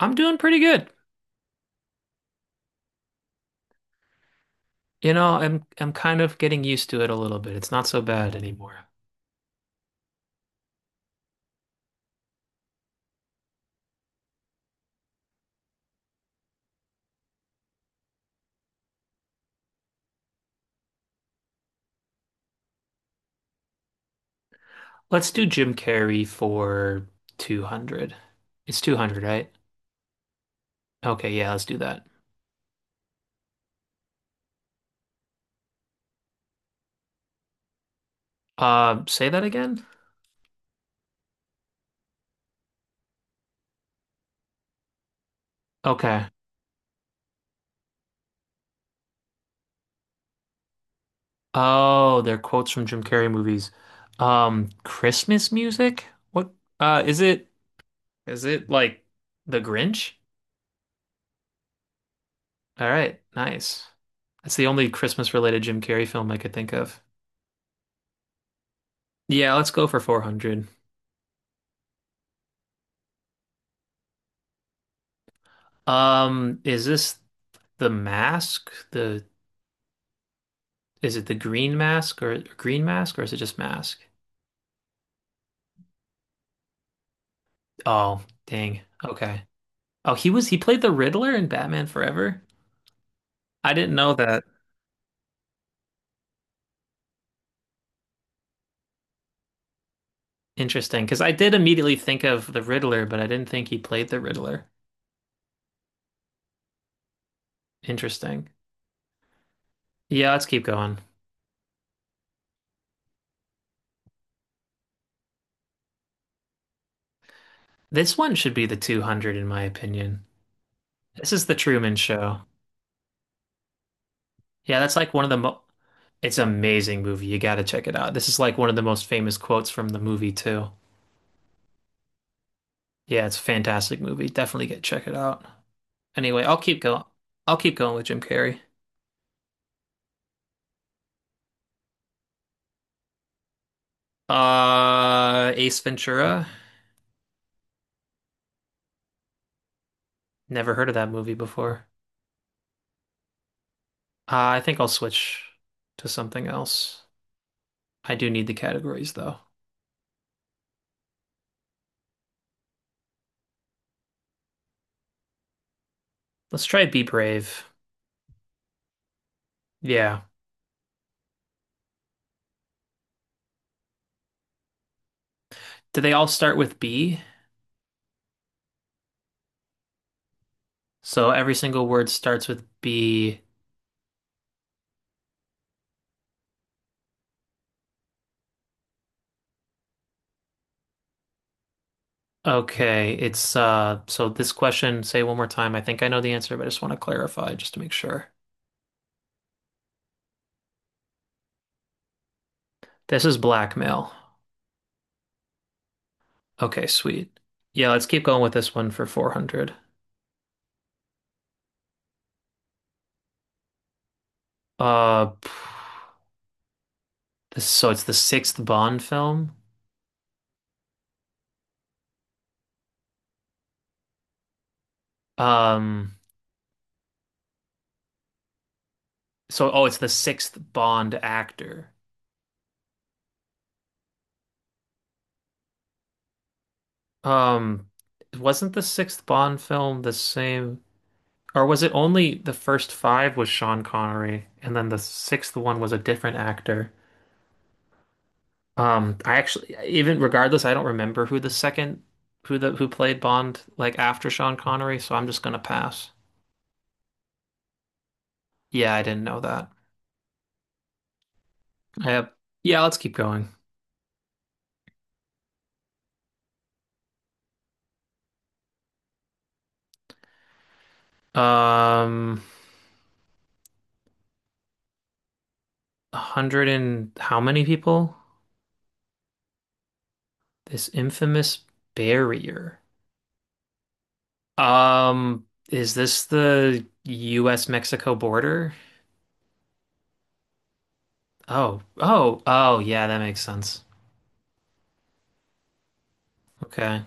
I'm doing pretty good. You know, I'm kind of getting used to it a little bit. It's not so bad anymore. Let's do Jim Carrey for 200. It's 200, right? Okay, yeah, let's do that. Say that again? Okay. Oh, they're quotes from Jim Carrey movies. Christmas music? What uh is it is it like The Grinch? All right, nice. That's the only Christmas related Jim Carrey film I could think of. Yeah, let's go for 400. Is this The mask, the is it the green mask or is it just mask? Oh, dang. Okay. Oh, he played the Riddler in Batman Forever? I didn't know that. Interesting, because I did immediately think of the Riddler, but I didn't think he played the Riddler. Interesting. Yeah, let's keep going. This one should be the 200 in my opinion. This is the Truman Show. Yeah, that's like one of the mo It's an amazing movie. You got to check it out. This is like one of the most famous quotes from the movie too. Yeah, it's a fantastic movie. Definitely get check it out. Anyway, I'll keep going. I'll keep going with Jim Carrey. Ace Ventura. Never heard of that movie before. I think I'll switch to something else. I do need the categories though. Let's try Be Brave. Yeah. Do they all start with B? So every single word starts with B. Okay, it's so this question, say one more time. I think I know the answer, but I just want to clarify just to make sure. This is blackmail. Okay, sweet. Yeah, let's keep going with this one for 400. Uh, so it's the sixth Bond film. Um, oh, it's the sixth Bond actor. Um, wasn't the sixth Bond film the same, or was it only the first five was Sean Connery, and then the sixth one was a different actor? I actually, even regardless, I don't remember who the second, who the who played Bond like after Sean Connery, so I'm just gonna pass. Yeah, I didn't know that. Yeah, yeah, let's keep going. Um. 100 and how many people? This infamous barrier. Um, is this the US Mexico border? Oh, oh, oh, yeah, that makes sense. Okay.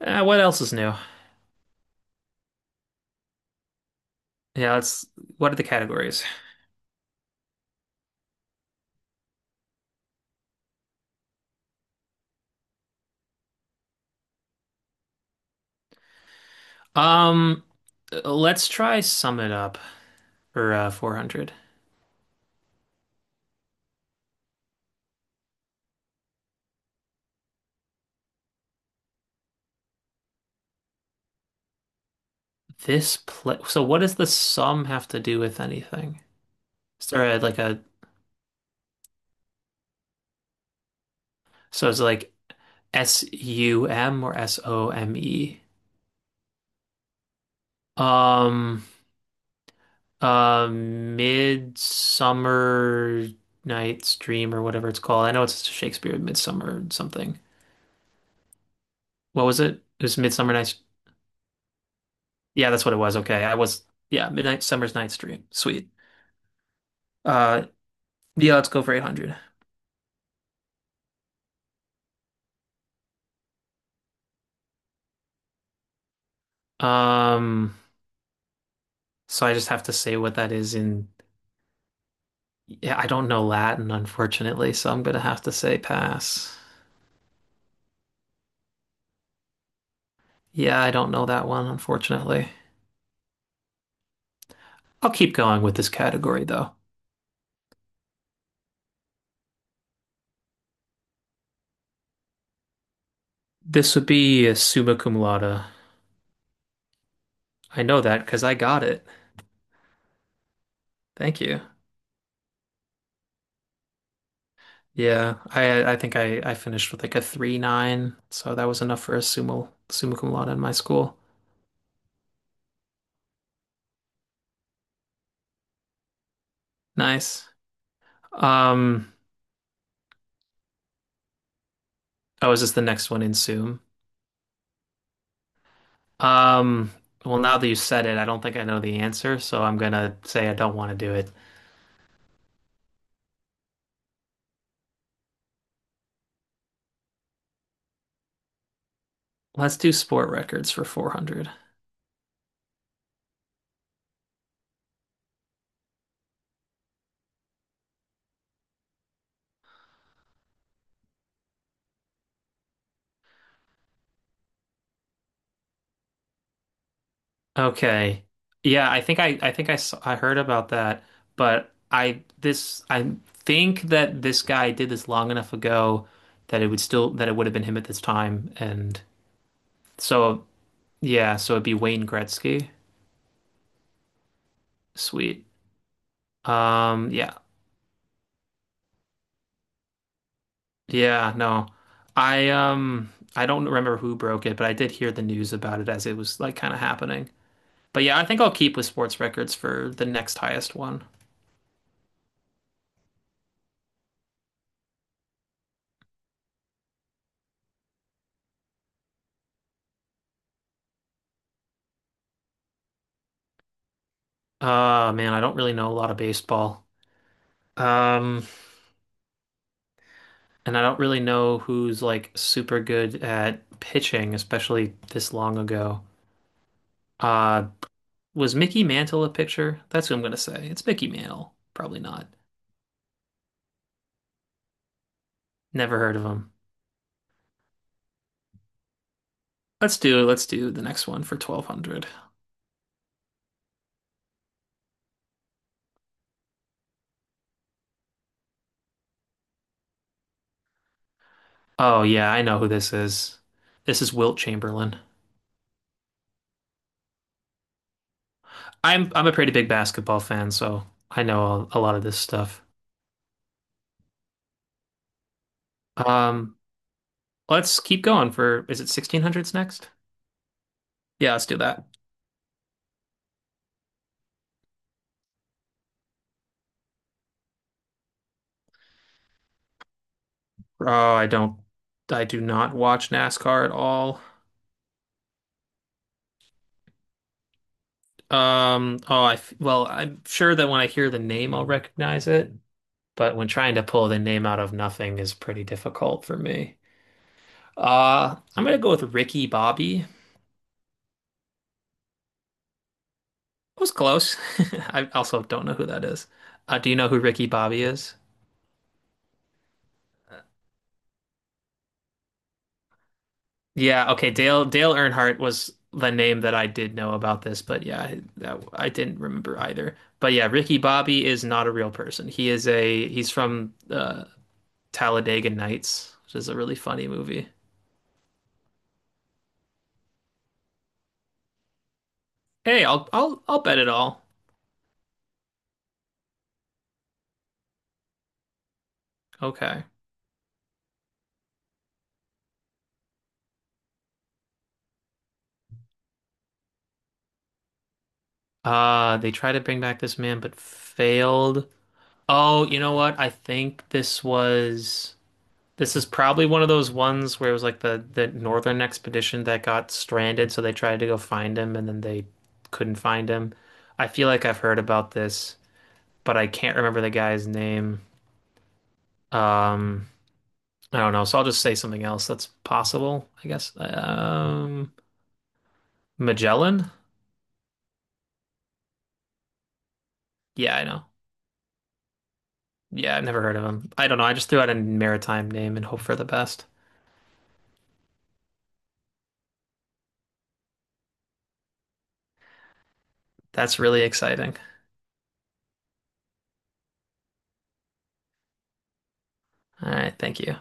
What else is new? Yeah, let's, what are the categories? Um, let's try sum it up for 400. This play, so what does the sum have to do with anything? Is there a, like a, So it's like SUM or SOME? Um, Midsummer Night's Dream or whatever it's called. I know it's Shakespeare Midsummer something. What was it? It was Midsummer Night's. Yeah, that's what it was. Okay, I was. Yeah, Midnight Summer's Night's Dream. Sweet. Uh, yeah, let's go for 800. Um, so I just have to say what that is in. Yeah, I don't know Latin, unfortunately, so I'm gonna have to say pass. Yeah, I don't know that one, unfortunately. I'll keep going with this category though. This would be a summa cum laude. I know that because I got it. Thank you. Yeah, I think I finished with like a 3.9, so that was enough for a sumo summa cum laude in my school. Nice. Um, oh, is this the next one in sum? Um, well, now that you said it, I don't think I know the answer, so I'm gonna say I don't want to do it. Let's do sport records for 400. Okay. Yeah, I think I saw, I heard about that, but I think that this guy did this long enough ago that it would still that it would have been him at this time and so yeah, so it'd be Wayne Gretzky. Sweet. Yeah. Yeah, no. I don't remember who broke it, but I did hear the news about it as it was like kind of happening. But yeah, I think I'll keep with sports records for the next highest one. Man, I don't really know a lot of baseball. Um And I don't really know who's like super good at pitching, especially this long ago. Uh, was Mickey Mantle a pitcher? That's who I'm gonna say. It's Mickey Mantle. Probably not. Never heard of him. Let's do the next one for 1200. Oh yeah, I know who this is. This is Wilt Chamberlain. I'm a pretty big basketball fan, so I know a lot of this stuff. Um, let's keep going for is it 1600s next? Yeah, let's do that. Oh, I do not watch NASCAR at all. Well, I'm sure that when I hear the name, I'll recognize it, but when trying to pull the name out of nothing is pretty difficult for me. I'm gonna go with Ricky Bobby. It was close. I also don't know who that is. Do you know who Ricky Bobby is? Yeah, okay, Dale Earnhardt was the name that I did know about this, but yeah, I didn't remember either. But yeah, Ricky Bobby is not a real person. He is a He's from Talladega Nights, which is a really funny movie. Hey, I'll bet it all. Okay. They tried to bring back this man but failed. Oh, you know what? I think this was This is probably one of those ones where it was like the Northern Expedition that got stranded, so they tried to go find him and then they couldn't find him. I feel like I've heard about this, but I can't remember the guy's name. Um, I don't know, so I'll just say something else that's possible, I guess. Magellan? Yeah, I know. Yeah, I've never heard of him. I don't know. I just threw out a maritime name and hope for the best. That's really exciting. All right, thank you.